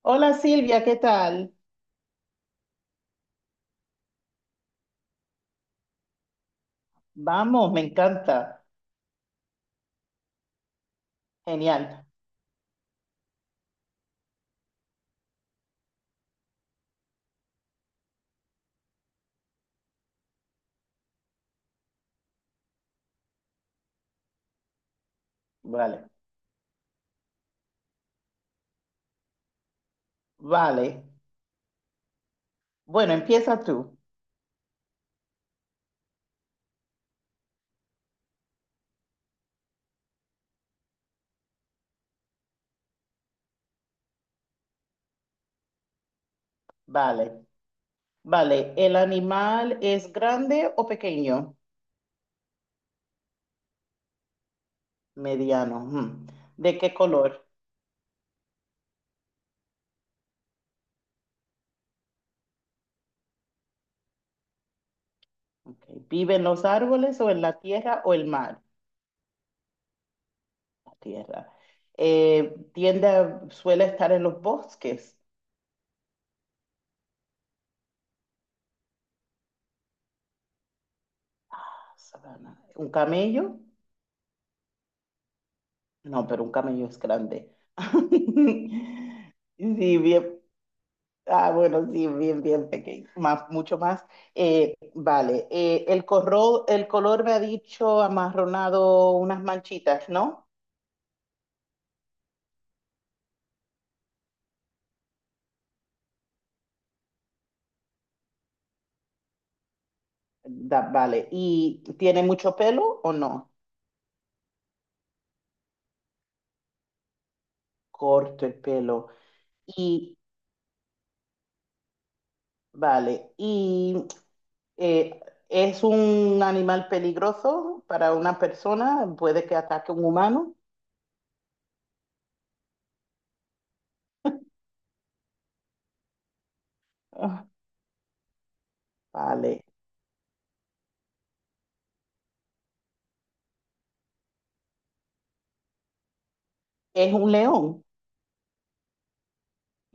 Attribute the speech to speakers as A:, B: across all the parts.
A: Hola Silvia, ¿qué tal? Vamos, me encanta. Genial. Vale, vale. Bueno, empieza tú. Vale, vale. ¿El animal es grande o pequeño? Mediano. Ujú. ¿De qué color? Ok. ¿Vive en los árboles o en la tierra o el mar? La tierra. Suele estar en los bosques. Sabana. ¿Un camello? No, pero un camello es grande. Sí, bien. Ah, bueno, sí, bien, bien pequeño, más, mucho más. Vale, el color me ha dicho amarronado unas manchitas, ¿no? Vale, ¿y tiene mucho pelo o no? Corto el pelo. Y, vale, ¿y eh, es un animal peligroso para una persona? ¿Puede que ataque a un humano? Ah, vale, ¿es un león?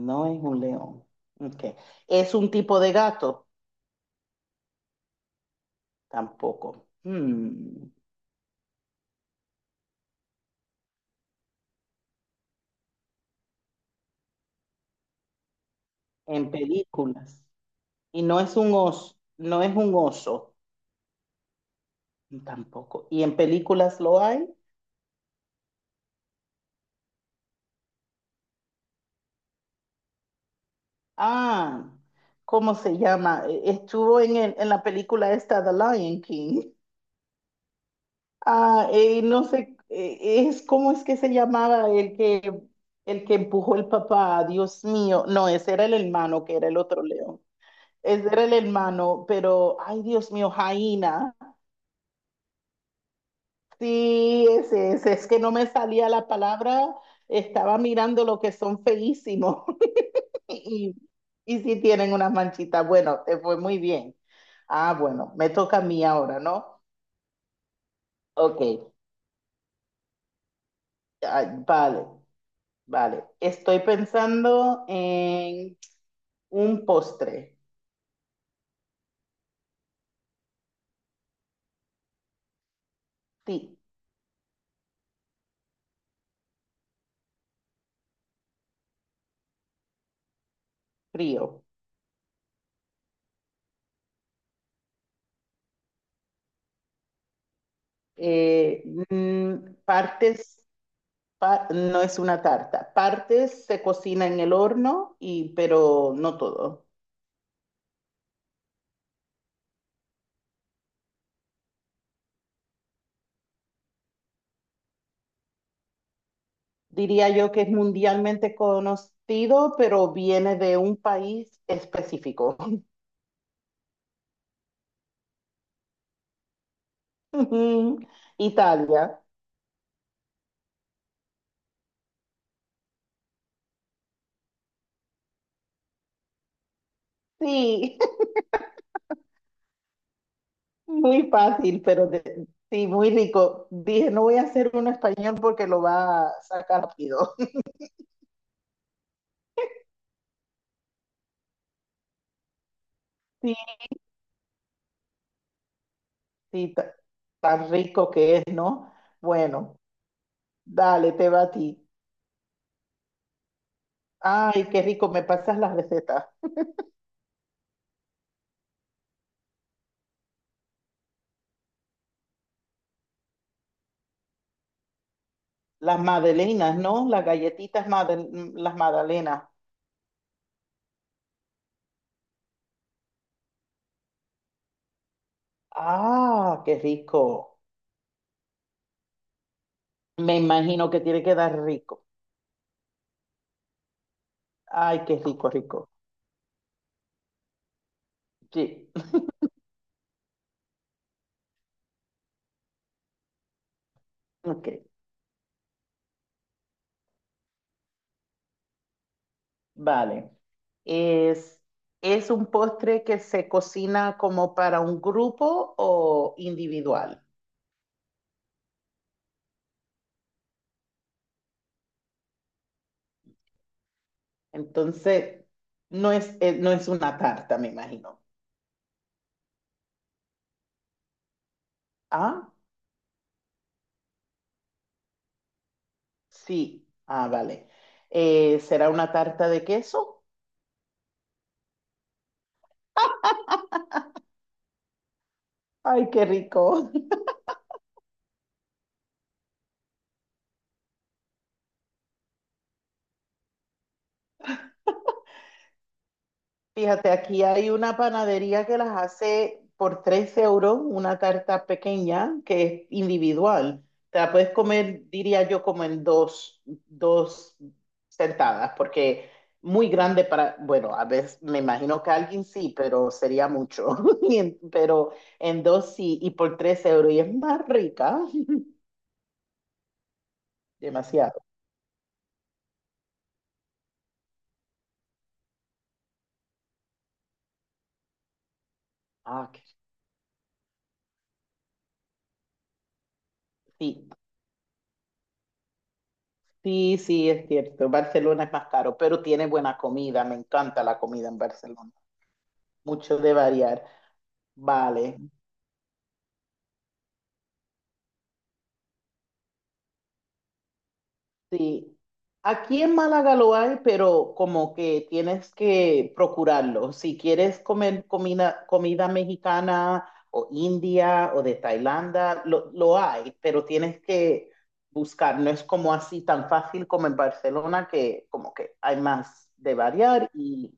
A: No es un león. Ok. ¿Es un tipo de gato? Tampoco. En películas. Y no es un oso, no es un oso, tampoco. ¿Y en películas lo hay? Ah, ¿cómo se llama? Estuvo en, en la película esta, The Lion King. Ah, no sé, es, ¿cómo es que se llamaba el que empujó el papá? Dios mío. No, ese era el hermano que era el otro león. Ese era el hermano, pero, ay, Dios mío, Jaina. Sí, es que no me salía la palabra, estaba mirando lo que son feísimos y, y sí tienen unas manchitas. Bueno, te fue muy bien. Ah, bueno, me toca a mí ahora, ¿no? Ok, ay, vale, vale. Estoy pensando en un postre, sí, frío. Eh, mm, partes, no es una tarta, partes se cocina en el horno, y, pero no todo. Diría yo que es mundialmente conocido, pero viene de un país específico. Italia. Sí, muy fácil, sí, muy rico. Dije, no voy a hacer uno español porque lo va a sacar rápido. Sí, sí, tan rico que es, ¿no? Bueno, dale, te va a ti. Ay, qué rico, me pasas las recetas. Las magdalenas, ¿no? Las galletitas, las magdalenas. Ah, qué rico. Me imagino que tiene que dar rico. Ay, qué rico, rico. Sí, ok, vale. Es, ¿Es un postre que se cocina como para un grupo o individual? Entonces, no es, no es una tarta, me imagino. Ah, sí. Ah, vale. ¿Será una tarta de queso? Ay, qué rico. Fíjate, aquí hay una panadería que las hace por 3 euros, una tarta pequeña que es individual. Te la puedes comer, diría yo, como en dos, dos sentadas, porque muy grande para, bueno, a veces me imagino que alguien sí, pero sería mucho. Pero en dos sí, y por 3 euros, y es más rica, demasiado. Ah, qué- sí, sí, sí, es cierto. Barcelona es más caro, pero tiene buena comida, me encanta la comida en Barcelona. Mucho de variar. Vale, sí. Aquí en Málaga lo hay, pero como que tienes que procurarlo. Si quieres comer comida, comida mexicana o india o de Tailandia, lo hay, pero tienes que buscar. No es como así tan fácil como en Barcelona, que como que hay más de variar y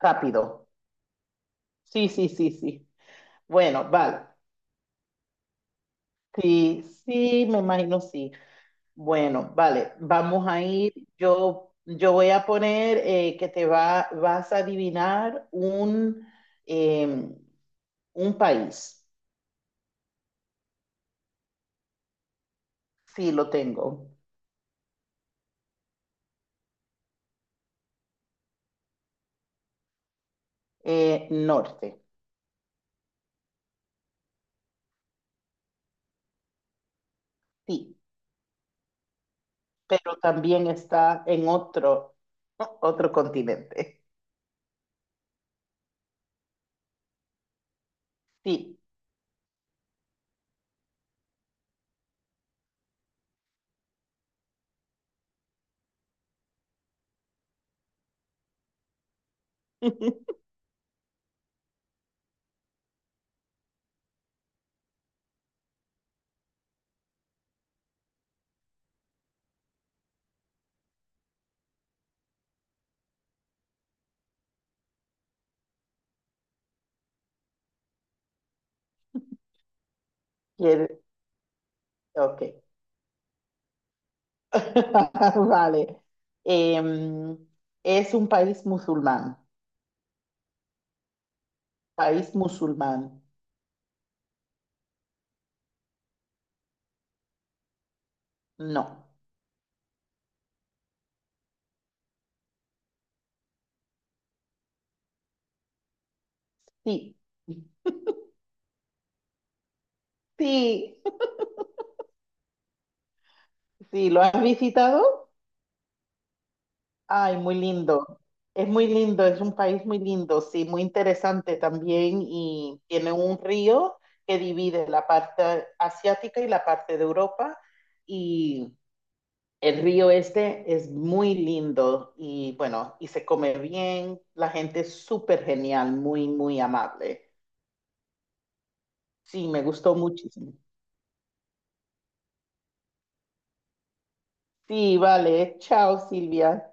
A: rápido. Sí, sí, sí, sí. Bueno, vale. Sí, sí, me imagino sí. Bueno, vale, vamos a ir. Yo voy a poner vas a adivinar eh, un país. Sí, lo tengo. Norte, sí, pero también está en otro, otro continente. Sí. ¿Quieres? Ok. Vale. Em, es un país musulmán. País musulmán. No. Sí. Sí. Sí, ¿lo has visitado? Ay, muy lindo. Es muy lindo, es un país muy lindo, sí, muy interesante también y tiene un río que divide la parte asiática y la parte de Europa y el río este es muy lindo y bueno, y se come bien, la gente es súper genial, muy, muy amable. Sí, me gustó muchísimo. Sí, vale, chao Silvia.